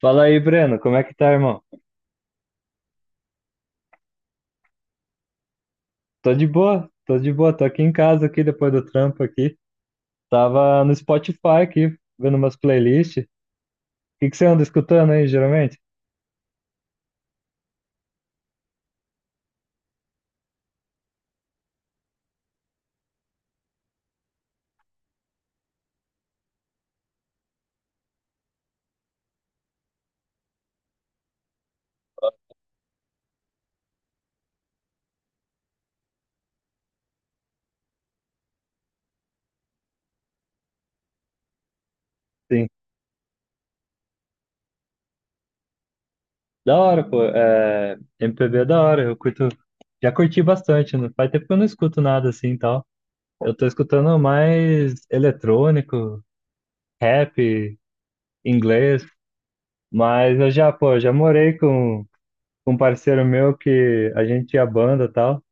Fala aí, Breno, como é que tá, irmão? Tô de boa, tô aqui em casa aqui depois do trampo aqui. Tava no Spotify aqui, vendo umas playlists. O que que você anda escutando aí, geralmente? Sim. Da hora, pô. É... MPB é da hora, eu curto. Já curti bastante, né? Faz tempo que eu não escuto nada assim e tal. Eu tô escutando mais eletrônico, rap, inglês, mas eu já, pô, já morei com um parceiro meu que a gente tinha banda e tal.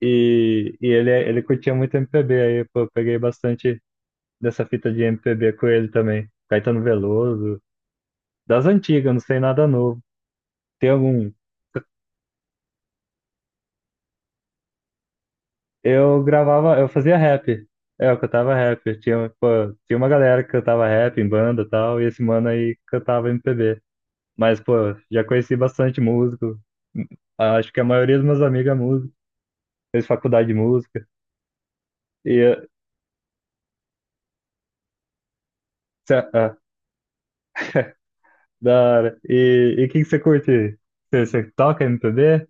E ele, ele curtia muito MPB, aí pô, eu peguei bastante dessa fita de MPB com ele também. Caetano Veloso, das antigas, não sei nada novo. Tem algum. Eu gravava, eu fazia rap. É, eu cantava rap. Tinha, pô, tinha uma galera que cantava rap em banda e tal, e esse mano aí cantava MPB. Mas, pô, já conheci bastante músico. Acho que a maioria dos meus amigos é músico. Fez faculdade de música. E, eh, cê- ah, Da hora. E o que que você curte? Você, você toca MPB?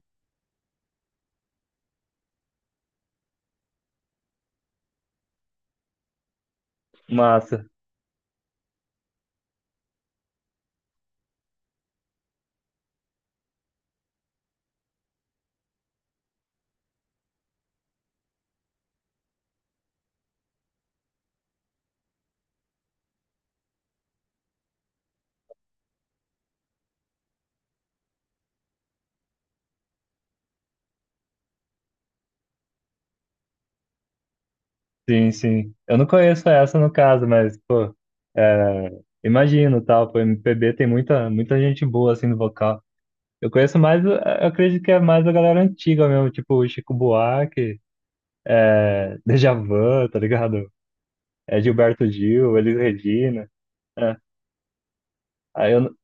Massa, sim, sim. Eu não conheço essa no caso, mas, pô, é, imagino, tal, pô, MPB tem muita, muita gente boa, assim, no vocal. Eu conheço mais, eu acredito que é mais a galera antiga mesmo, tipo o Chico Buarque, é, Djavan, tá ligado? É Gilberto Gil, Elis Regina, é. Aí, eu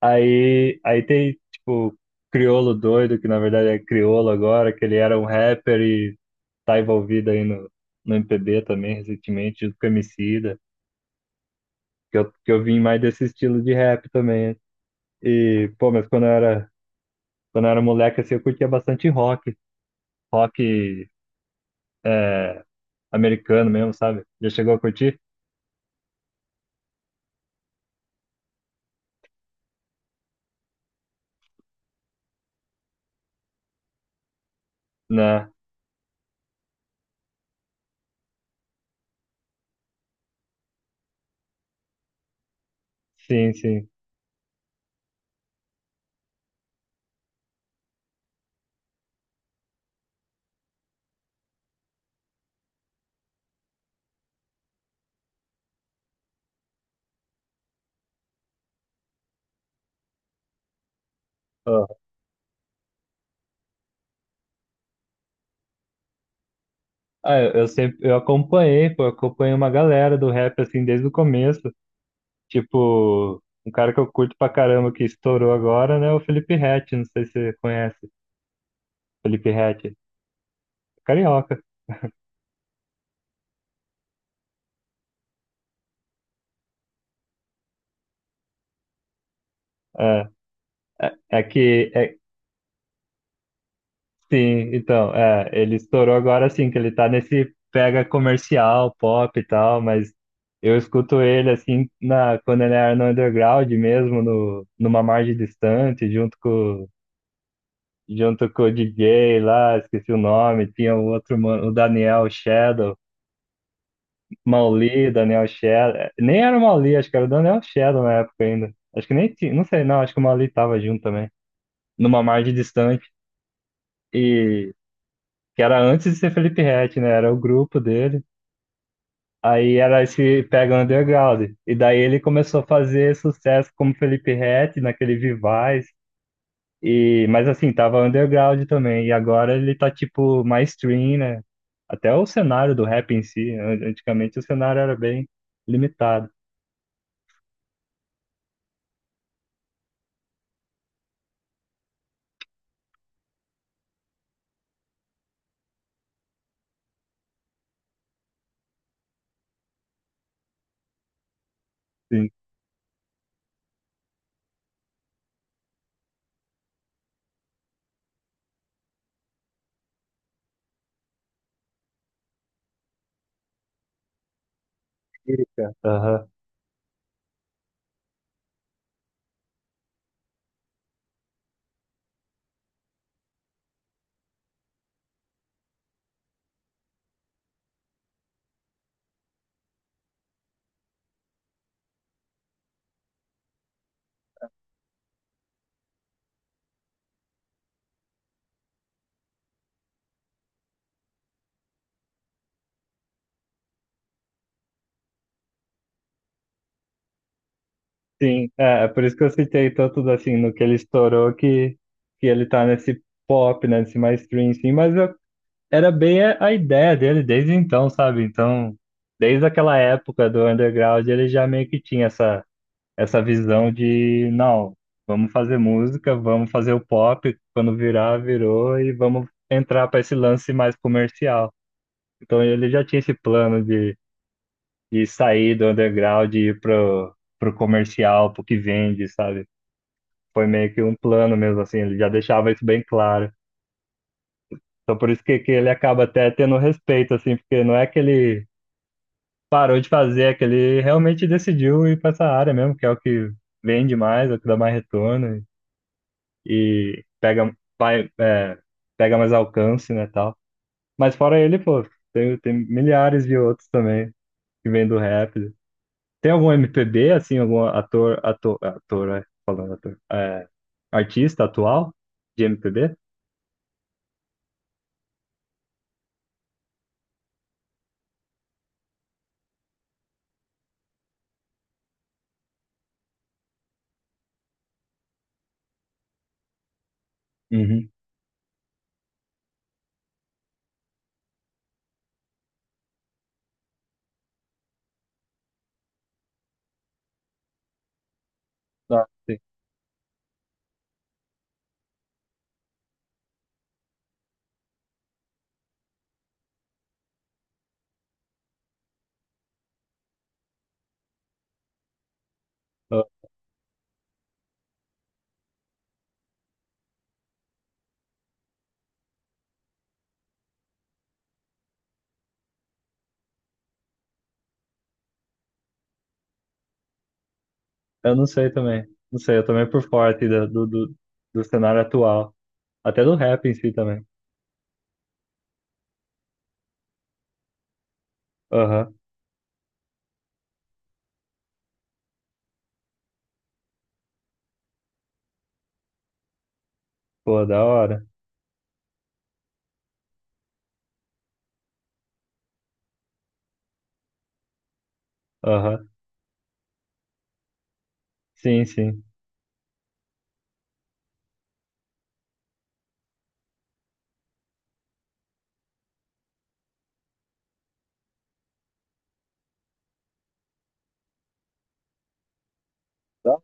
aí, aí tem, tipo, Criolo doido, que na verdade é Criolo agora, que ele era um rapper e tá envolvido aí no MPB também, recentemente, junto com o que eu vim mais desse estilo de rap também. E, pô, mas quando eu era moleque, assim, eu curtia bastante rock, rock é, americano mesmo, sabe? Já chegou a curtir? Né? Sim, sim. Ó. Ah, eu sempre, eu acompanhei, pô, eu acompanhei uma galera do rap, assim, desde o começo. Tipo, um cara que eu curto pra caramba que estourou agora, né, é o Felipe Ret, não sei se você conhece. Felipe Ret, carioca. É, é, é que é, Sim, então, é, ele estourou agora assim, que ele tá nesse pega comercial, pop e tal, mas eu escuto ele assim na, quando ele era no underground mesmo, no, numa margem distante, junto com o DJ lá, esqueci o nome, tinha o outro, mano, o Daniel Shadow, Mauli, Daniel Shadow, é, nem era o Mauli, acho que era o Daniel Shadow na época ainda, acho que nem tinha, não sei não, acho que o Mauli tava junto também, numa margem distante, e que era antes de ser Felipe Ret, né, era o grupo dele. Aí era esse Pega Underground. E daí ele começou a fazer sucesso como Felipe Ret naquele Vivaz. E, mas assim, tava underground também. E agora ele tá tipo mainstream, né? Até o cenário do rap em si. Antigamente o cenário era bem limitado. Sim. Fica, aham. Sim, é, é por isso que eu citei tanto assim no que ele estourou que ele tá nesse pop, né? Nesse mainstream, sim. Mas eu era bem a ideia dele desde então, sabe? Então, desde aquela época do underground, ele já meio que tinha essa, essa visão de, não, vamos fazer música, vamos fazer o pop, quando virar, virou, e vamos entrar para esse lance mais comercial. Então, ele já tinha esse plano de sair do underground e ir pro, pro comercial, pro que vende, sabe? Foi meio que um plano mesmo, assim, ele já deixava isso bem claro. Então, por isso que ele acaba até tendo respeito, assim, porque não é que ele parou de fazer, é que ele realmente decidiu ir para essa área mesmo, que é o que vende mais, é o que dá mais retorno e pega, vai, é, pega mais alcance, né, tal. Mas fora ele, pô, tem, tem milhares de outros também que vêm do rap. Tem algum MPB, assim, algum ator, ator, ator, é, falando ator, é, artista atual de MPB? Uhum. Ah, sim. Eu eu não sei também. Não sei, eu também por fora assim, do, do, do do cenário atual. Até do rap em si também. Aham, pô, da hora. Aham, sim, sim. Tá.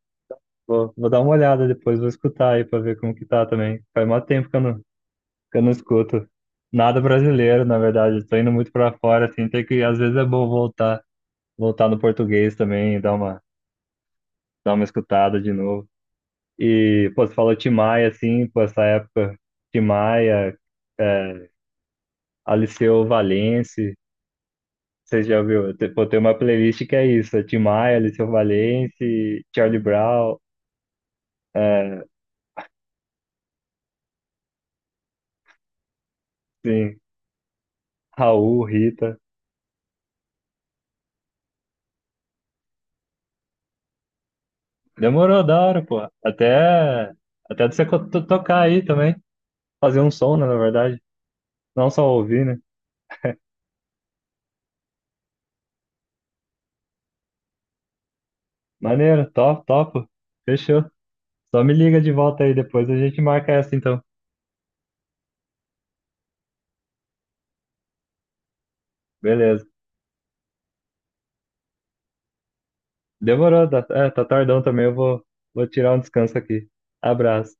Vou, vou dar uma olhada depois, vou escutar aí pra ver como que tá também. Faz mó tempo que eu não escuto. Nada brasileiro, na verdade. Eu tô indo muito pra fora, assim, tem que, às vezes é bom voltar, voltar no português também, dar uma escutada de novo. E, pô, você falou Tim Maia, assim, pô, essa época, Tim Maia, Aliceu Valença, você já viu? Tem- Pô, tem uma playlist que é isso, é Tim Maia, Aliceu Valença, Charlie Brown, é, sim. Raul, Rita. Demorou da hora, pô. Até, até você co- to- tocar aí também. Fazer um som, né, na verdade. Não só ouvir, né? Maneiro, top, top. Fechou. Só me liga de volta aí depois, a gente marca essa então. Beleza. Demorou, tá, é, tá tardão também, eu vou, vou tirar um descanso aqui. Abraço.